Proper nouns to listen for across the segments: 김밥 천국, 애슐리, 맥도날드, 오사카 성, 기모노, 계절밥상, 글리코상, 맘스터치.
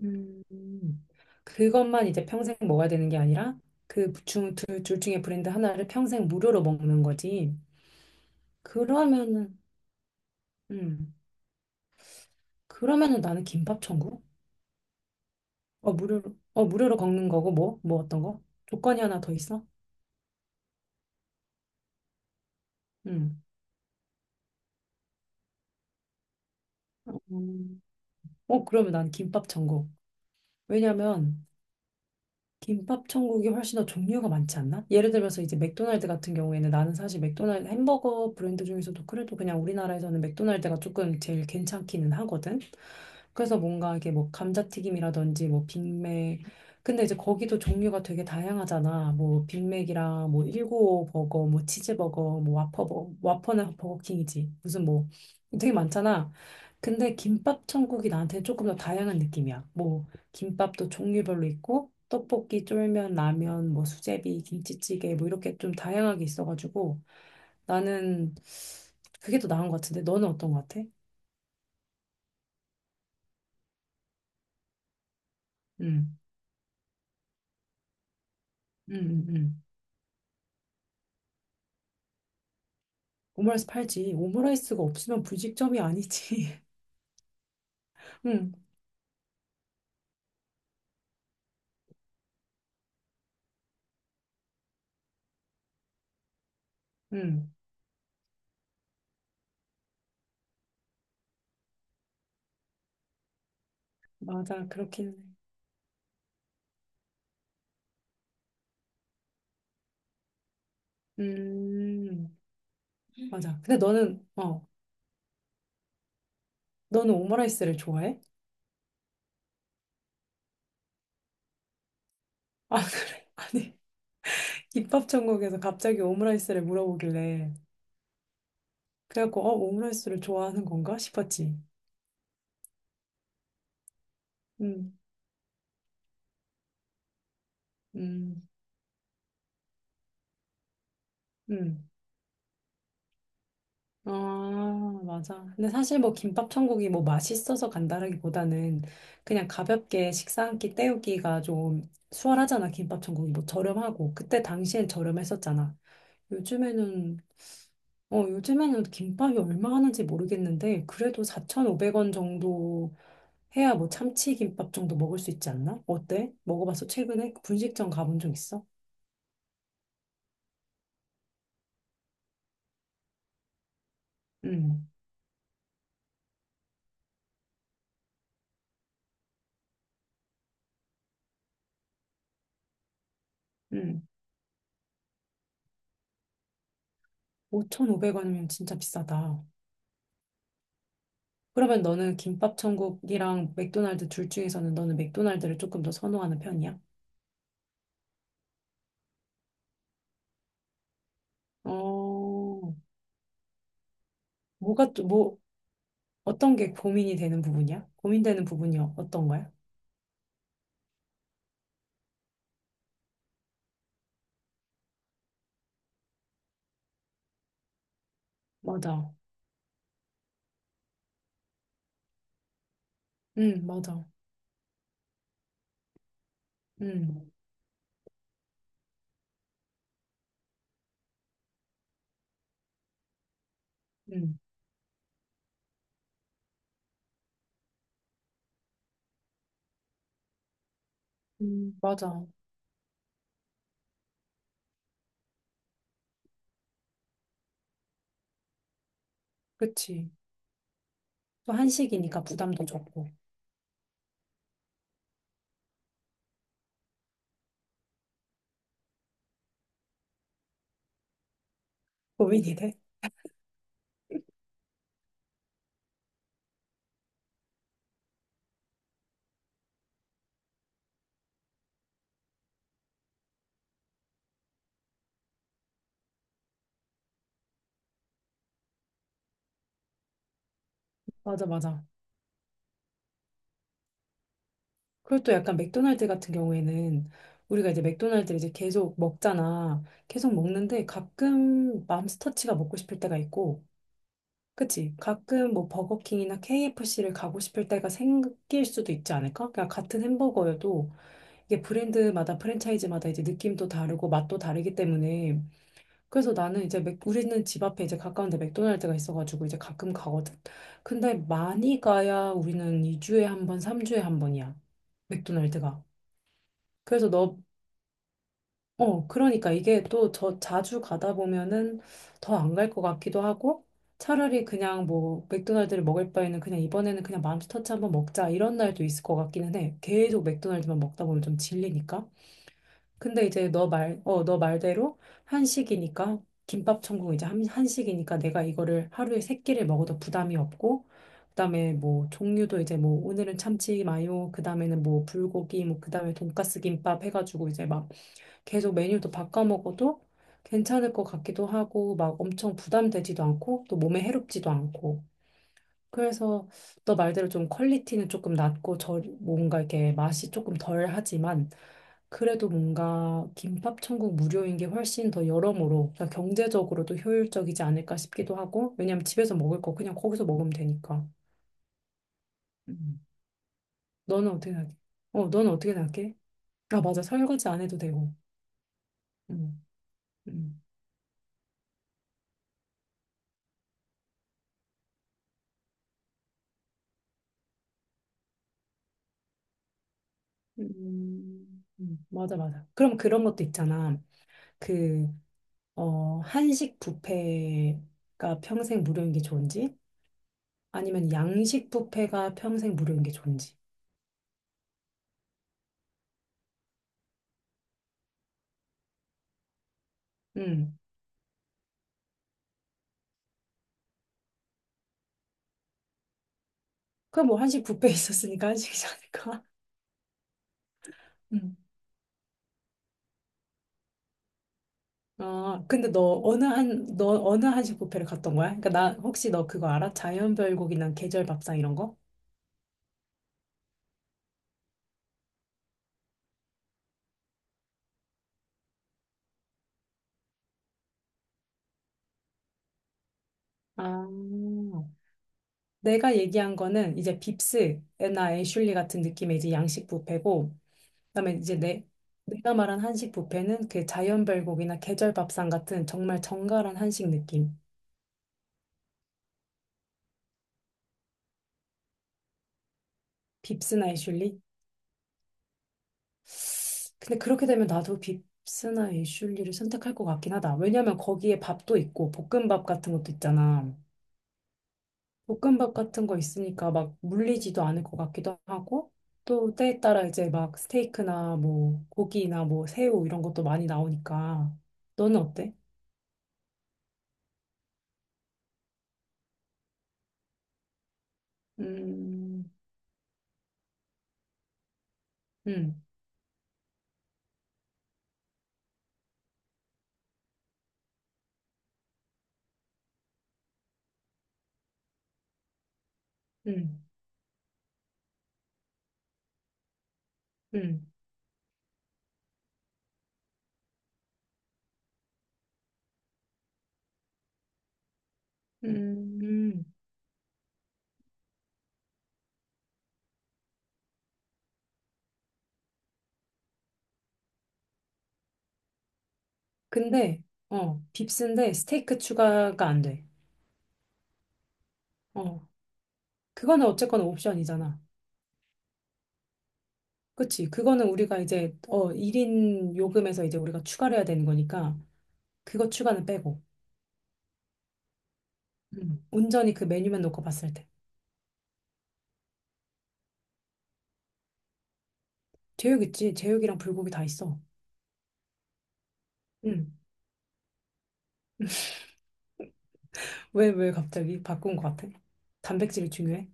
음, 그것만 이제 평생 먹어야 되는 게 아니라 둘 중에 브랜드 하나를 평생 무료로 먹는 거지. 그러면은, 음, 그러면은 나는 김밥 천국? 무료로 걷는 거고, 뭐? 뭐 어떤 거? 조건이 하나 더 있어? 음. 음. 그러면 난 김밥 천국. 왜냐면 김밥 천국이 훨씬 더 종류가 많지 않나? 예를 들어서 이제 맥도날드 같은 경우에는 나는 사실 맥도날드 햄버거 브랜드 중에서도 그래도 그냥 우리나라에서는 맥도날드가 조금 제일 괜찮기는 하거든. 그래서 뭔가 이게 뭐 감자튀김이라든지 뭐 빅맥. 근데 이제 거기도 종류가 되게 다양하잖아. 뭐 빅맥이랑 뭐 195 버거, 뭐 치즈버거, 뭐 와퍼는 버거킹이지. 무슨 뭐 되게 많잖아. 근데 김밥 천국이 나한테 조금 더 다양한 느낌이야. 뭐 김밥도 종류별로 있고 떡볶이, 쫄면, 라면, 뭐 수제비, 김치찌개 뭐 이렇게 좀 다양하게 있어가지고 나는 그게 더 나은 것 같은데 너는 어떤 것 같아? 응, 응, 응, 응. 오므라이스 팔지. 오므라이스가 없으면 분식점이 아니지. 응, 응, 맞아. 그렇긴 해. 음, 맞아. 근데 너는 오므라이스를 좋아해? 아, 그래? 아니. 김밥 천국에서 갑자기 오므라이스를 물어보길래 그래갖고 오므라이스를 좋아하는 건가 싶었지. 음, 음, 음. 아, 맞아. 근데 사실 뭐 김밥 천국이 뭐 맛있어서 간다라기보다는 그냥 가볍게 식사 한 끼 때우기가 좀 수월하잖아. 김밥 천국이 뭐 저렴하고. 그때 당시엔 저렴했었잖아. 요즘에는, 요즘에는 김밥이 얼마 하는지 모르겠는데 그래도 4,500원 정도 해야 뭐 참치 김밥 정도 먹을 수 있지 않나? 어때? 먹어봤어? 최근에 분식점 가본 적 있어? 응, 응. 5,500원이면 진짜 비싸다. 그러면 너는 김밥 천국이랑 맥도날드 둘 중에서는 너는 맥도날드를 조금 더 선호하는 편이야? 어, 뭐가 또, 뭐, 어떤 게 고민이 되는 부분이야? 고민되는 부분이 어떤 거야? 맞아. 응, 맞아. 응, 응, 맞아. 그치. 또 한식이니까 부담도 적고. 고민이 돼? 맞아, 맞아. 그리고 또 약간 맥도날드 같은 경우에는 우리가 이제 맥도날드를 이제 계속 먹잖아. 계속 먹는데 가끔 맘스터치가 먹고 싶을 때가 있고, 그치? 가끔 뭐 버거킹이나 KFC를 가고 싶을 때가 생길 수도 있지 않을까? 그냥 같은 햄버거여도 이게 브랜드마다 프랜차이즈마다 이제 느낌도 다르고 맛도 다르기 때문에 그래서 나는 이제 우리는 집 앞에 이제 가까운데 맥도날드가 있어가지고 이제 가끔 가거든. 근데 많이 가야 우리는 2주에 한 번, 3주에 한 번이야. 맥도날드가. 그래서 그러니까 이게 또 저 자주 가다 보면은 더 안 갈 것 같기도 하고 차라리 그냥 뭐 맥도날드를 먹을 바에는 그냥 이번에는 그냥 맘스터치 한번 먹자 이런 날도 있을 것 같기는 해. 계속 맥도날드만 먹다 보면 좀 질리니까. 근데 이제 너 말대로 한식이니까 김밥 천국 이제 한식이니까 내가 이거를 하루에 세 끼를 먹어도 부담이 없고 그다음에 뭐 종류도 이제 뭐 오늘은 참치 마요 그다음에는 뭐 불고기 뭐 그다음에 돈까스 김밥 해가지고 이제 막 계속 메뉴도 바꿔 먹어도 괜찮을 것 같기도 하고, 막 엄청 부담되지도 않고, 또 몸에 해롭지도 않고. 그래서 너 말대로 좀 퀄리티는 조금 낮고, 저, 뭔가 이렇게 맛이 조금 덜 하지만, 그래도 뭔가 김밥 천국 무료인 게 훨씬 더 여러모로, 그러니까 경제적으로도 효율적이지 않을까 싶기도 하고, 왜냐면 집에서 먹을 거 그냥 거기서 먹으면 되니까. 음. 너는 어떻게 생각해? 너는 어떻게 생각해? 아, 맞아. 설거지 안 해도 되고. 음, 음. 맞아, 맞아. 그럼 그런 것도 있잖아. 그, 한식 뷔페가 평생 무료인 게 좋은지, 아니면 양식 뷔페가 평생 무료인 게 좋은지. 음. 그럼 뭐 한식 뷔페 있었으니까 한식이지 않을까? 음. 아, 근데 너 어느 한식 뷔페를 갔던 거야? 그러니까 나 혹시 너 그거 알아? 자연별곡이나 계절밥상 이런 거? 아, 내가 얘기한 거는 이제 빕스나 애슐리 같은 느낌의 이제 양식 뷔페고, 그다음에 이제 내 내가 말한 한식 뷔페는 그 자연별곡이나 계절 밥상 같은 정말 정갈한 한식 느낌. 빕스나 애슐리? 근데 그렇게 되면 나도 빕스나 애슐리를 선택할 것 같긴 하다. 왜냐면 거기에 밥도 있고 볶음밥 같은 것도 있잖아. 볶음밥 같은 거 있으니까 막 물리지도 않을 것 같기도 하고 또 때에 따라 이제 막 스테이크나 뭐 고기나 뭐 새우 이런 것도 많이 나오니까 너는 어때? 음, 음, 음, 음. 음, 근데, 빕스인데 스테이크 추가가 안 돼. 어, 그거는 어쨌거나 옵션이잖아. 그치? 그거는 우리가 이제, 1인 요금에서 이제 우리가 추가를 해야 되는 거니까, 그거 추가는 빼고. 온전히 그 메뉴만 놓고 봤을 때. 제육 있지? 제육이랑 불고기 다 있어. 음, 왜 갑자기 바꾼 것 같아? 단백질이 중요해?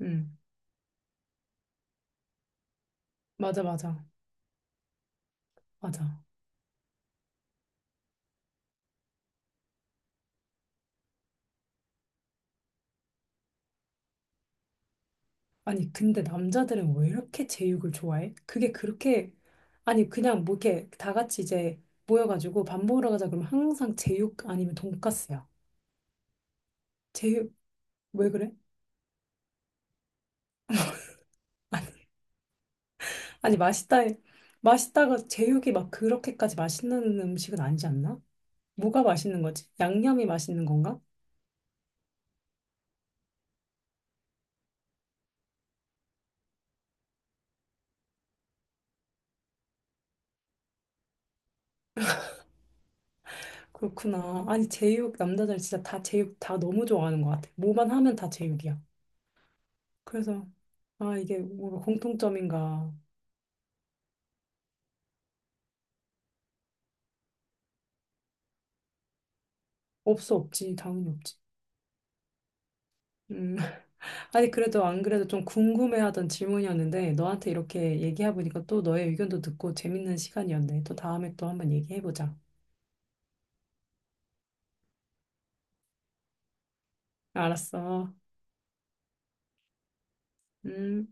음, 맞아, 맞아, 맞아. 아니, 근데 남자들은 왜 이렇게 제육을 좋아해? 그게 그렇게, 아니, 그냥 뭐 이렇게 다 같이 이제 모여가지고 밥 먹으러 가자 그러면 항상 제육 아니면 돈까스야. 제육, 왜 그래? 아니, 맛있다가 제육이 막 그렇게까지 맛있는 음식은 아니지 않나? 뭐가 맛있는 거지? 양념이 맛있는 건가? 그렇구나. 아니, 제육, 남자들 진짜 다 제육 다 너무 좋아하는 것 같아. 뭐만 하면 다 제육이야. 그래서, 아, 이게 뭔가 공통점인가? 없어, 없지. 당연히 없지. 음. 아니, 그래도 안 그래도 좀 궁금해하던 질문이었는데, 너한테 이렇게 얘기해보니까 또 너의 의견도 듣고 재밌는 시간이었네. 또 다음에 또 한번 얘기해보자. 알았어. 음.